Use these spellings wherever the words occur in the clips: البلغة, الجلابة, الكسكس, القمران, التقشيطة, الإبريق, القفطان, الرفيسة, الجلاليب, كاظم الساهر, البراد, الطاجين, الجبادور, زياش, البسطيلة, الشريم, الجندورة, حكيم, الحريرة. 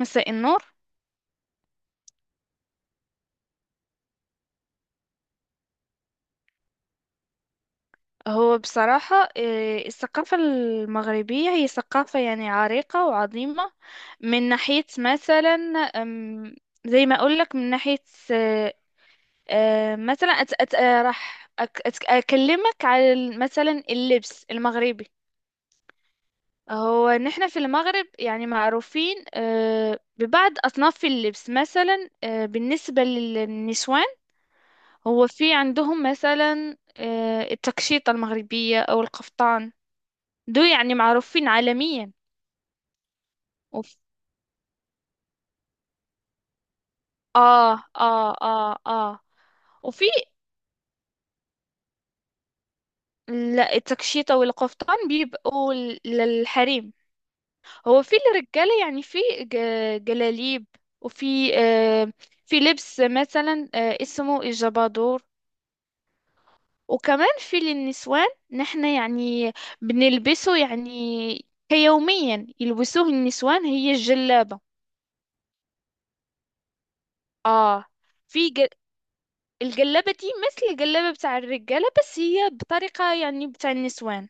مساء النور. هو بصراحة الثقافة المغربية هي ثقافة يعني عريقة وعظيمة، من ناحية مثلا. أم، زي ما أقول لك من ناحية، آه، مثلا أت أت آه، راح أك أت أكلمك على مثلا اللبس المغربي. هو نحن في المغرب يعني معروفين ببعض أصناف اللبس مثلا، بالنسبة للنسوان. هو في عندهم مثلا التقشيطة المغربية أو القفطان، دول يعني معروفين عالميا. وف... اه، اه، اه، اه، وفي التكشيطة والقفطان بيبقوا للحريم. هو في الرجالة يعني في جلاليب، وفي آه في لبس مثلا اسمه الجبادور. وكمان في للنسوان، نحن يعني بنلبسه يعني كيوميا، يلبسوه النسوان هي الجلابة. اه. في الجلابة دي مثل الجلابة بتاع الرجالة، بس هي بطريقة يعني بتاع النسوان.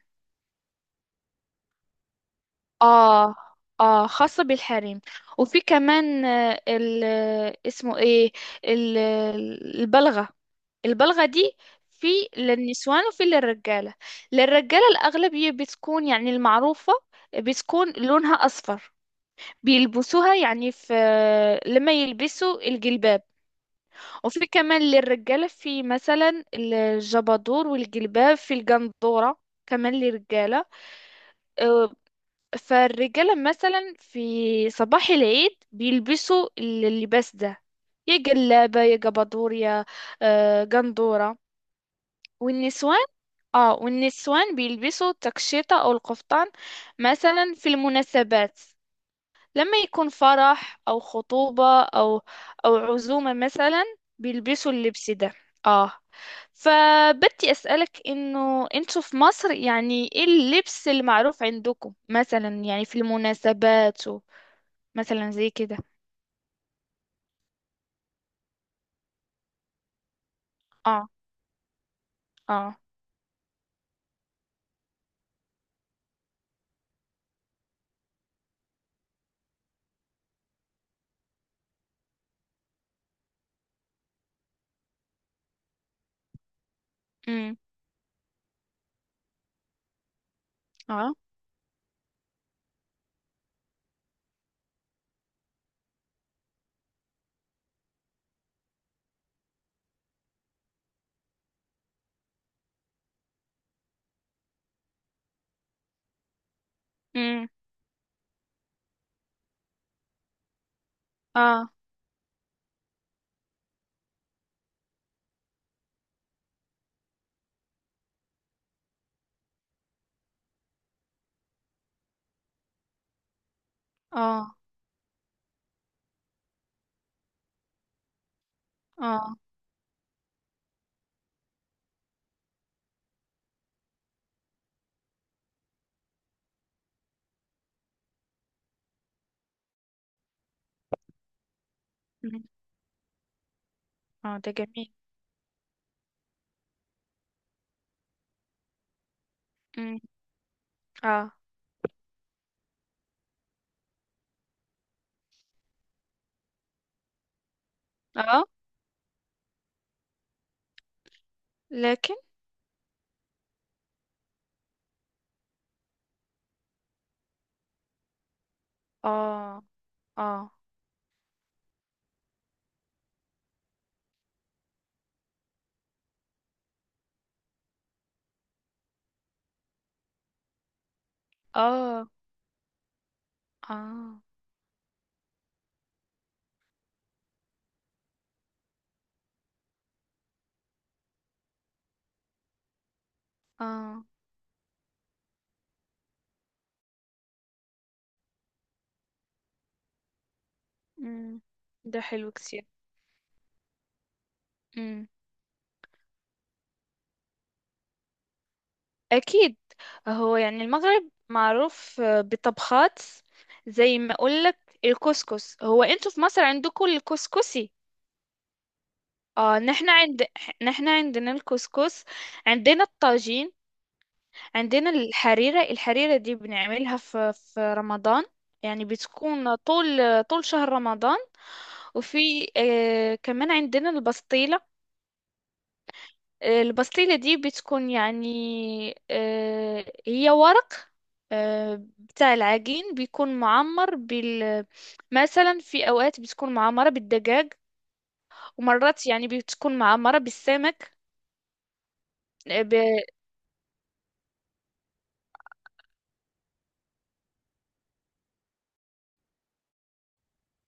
اه، اه، خاصة بالحريم. وفي كمان اسمه ايه، ال- البلغة. البلغة دي في للنسوان وفي للرجالة. للرجالة الأغلبية بتكون يعني المعروفة، بتكون لونها أصفر، بيلبسوها يعني في لما يلبسوا الجلباب. وفي كمان للرجالة في مثلا الجبادور والجلباب في الجندورة، كمان للرجالة. آه، فالرجالة مثلا في صباح العيد بيلبسوا اللباس ده، يا جلابة يا جبادور يا جندورة والنسوان. اه، والنسوان بيلبسوا التكشيطة أو القفطان مثلا في المناسبات، لما يكون فرح أو خطوبة أو عزومة مثلا بيلبسوا اللبس ده. آه فبدي أسألك إنه أنتوا في مصر يعني إيه اللبس المعروف عندكم مثلا، يعني في المناسبات مثلا زي كده. آه. آه. أمم. آه. أمم. آه. آه. آه. أمم. آه، ده جميل. أمم. آه. آه. لكن. آه. آه. آه. آه. آه. أمم. ده حلو كتير. مم. أكيد. هو يعني المغرب معروف بطبخات، زي ما أقولك الكسكس. هو أنتوا في مصر عندكم الكسكسي؟ اه نحن عند نحن عندنا الكسكس، عندنا الطاجين، عندنا الحريرة. الحريرة دي بنعملها في رمضان، يعني بتكون طول شهر رمضان. وفي كمان عندنا البسطيلة. البسطيلة دي بتكون يعني هي ورق، بتاع العجين بيكون معمر بال، مثلا في أوقات بتكون معمرة بالدجاج، ومرات يعني بتكون معمرة بالسمك. آه، ب...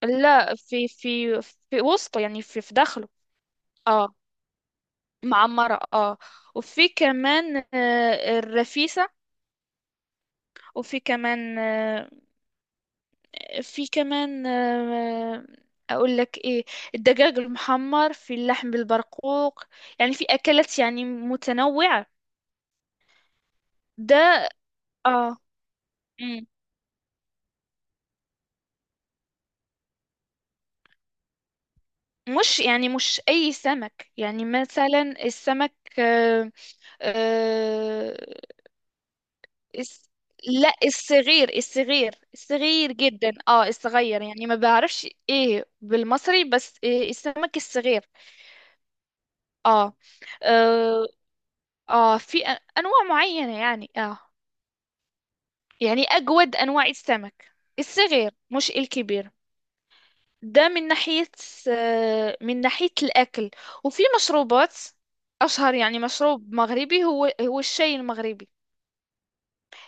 لا، في في وسطه، يعني في داخله. اه، معمرة اه. وفي كمان الرفيسة. وفي كمان آه، في كمان آه، اقول لك ايه، الدجاج المحمر في اللحم بالبرقوق، يعني في اكلات يعني متنوعة. ده. اه. مم. مش يعني مش اي سمك، يعني مثلا السمك آه. آه. الس- لا، الصغير جدا اه. الصغير، يعني ما بعرفش ايه بالمصري، بس إيه السمك الصغير. اه. اه، في انواع معينة يعني اه. يعني أجود أنواع السمك الصغير مش الكبير. ده من ناحية. من ناحية الأكل. وفي مشروبات. أشهر يعني مشروب مغربي هو الشاي المغربي،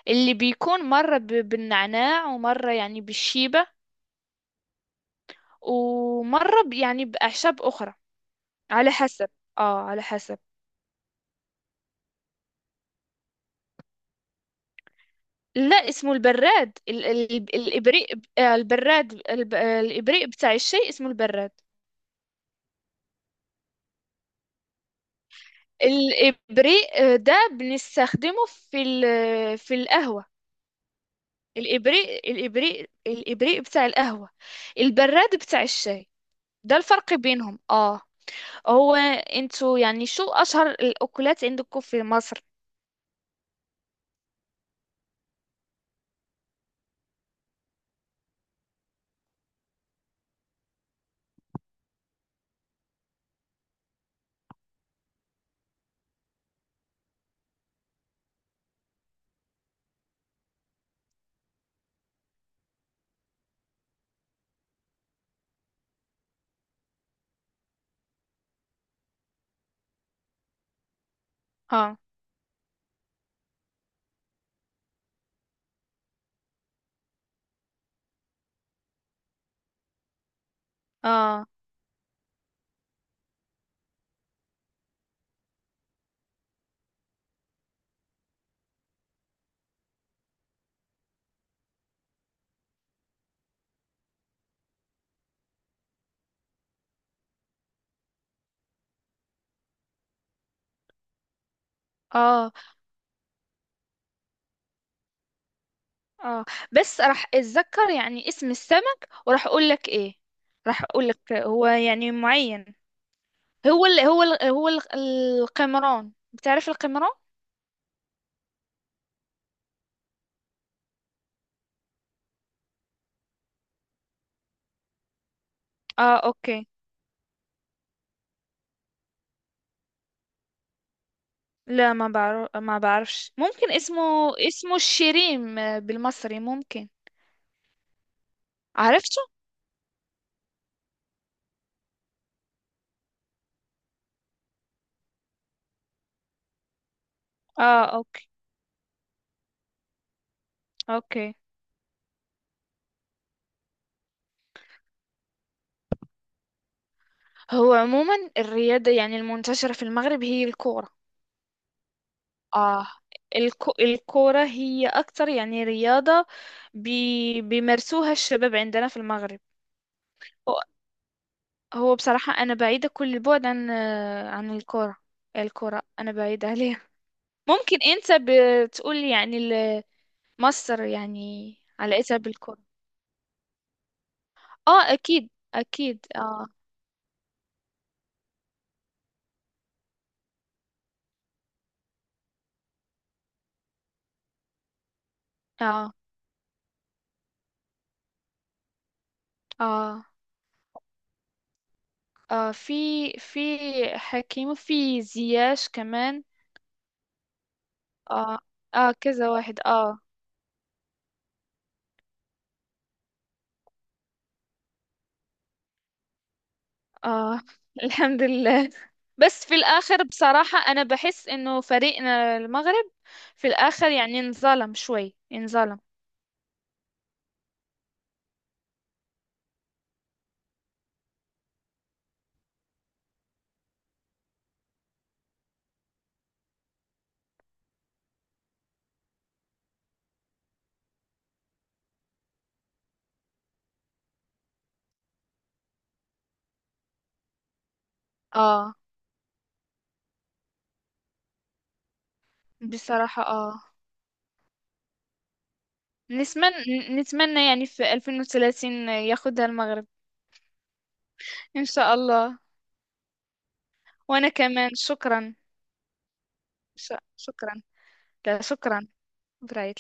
اللي بيكون مرة بالنعناع، ومرة يعني بالشيبة، ومرة يعني بأعشاب أخرى على حسب، على حسب. لا، اسمه البراد، الإبريق. البراد، الإبريق بتاع الشاي اسمه البراد. الإبريق ده بنستخدمه في في القهوة. الإبريق بتاع القهوة، البراد بتاع الشاي. ده الفرق بينهم اه. هو انتوا يعني شو أشهر الأكلات عندكم في مصر؟ اه، اه، اه، اه، بس راح اتذكر يعني اسم السمك وراح اقول لك ايه، راح اقول لك هو يعني معين. هو القمران، بتعرف القمران؟ اه. اوكي. لا، ما بعرفش، ممكن اسمه، اسمه الشريم بالمصري ممكن. عرفته. اه. اوكي. اوكي. هو عموما الرياضة يعني المنتشرة في المغرب هي الكورة. اه، الكورة هي أكتر يعني رياضة بيمارسوها الشباب عندنا في المغرب. هو هو بصراحة أنا بعيدة كل البعد عن عن الكورة. الكورة أنا بعيدة عليها. ممكن أنت بتقول يعني مصر يعني علاقتها بالكورة. اه، اكيد، اكيد، اه. اه. اه. آه. في حكيم، وفي زياش كمان. اه، اه، كذا واحد اه. اه الحمد لله. بس في الاخر بصراحة انا بحس انه فريقنا المغرب في الاخر يعني انظلم شوي انظلم. اه بصراحة اه، نتمنى نتمنى يعني في 2030 ياخدها المغرب. ان شاء الله. وانا كمان شكرا. شكرا. لا شكرا. برايت.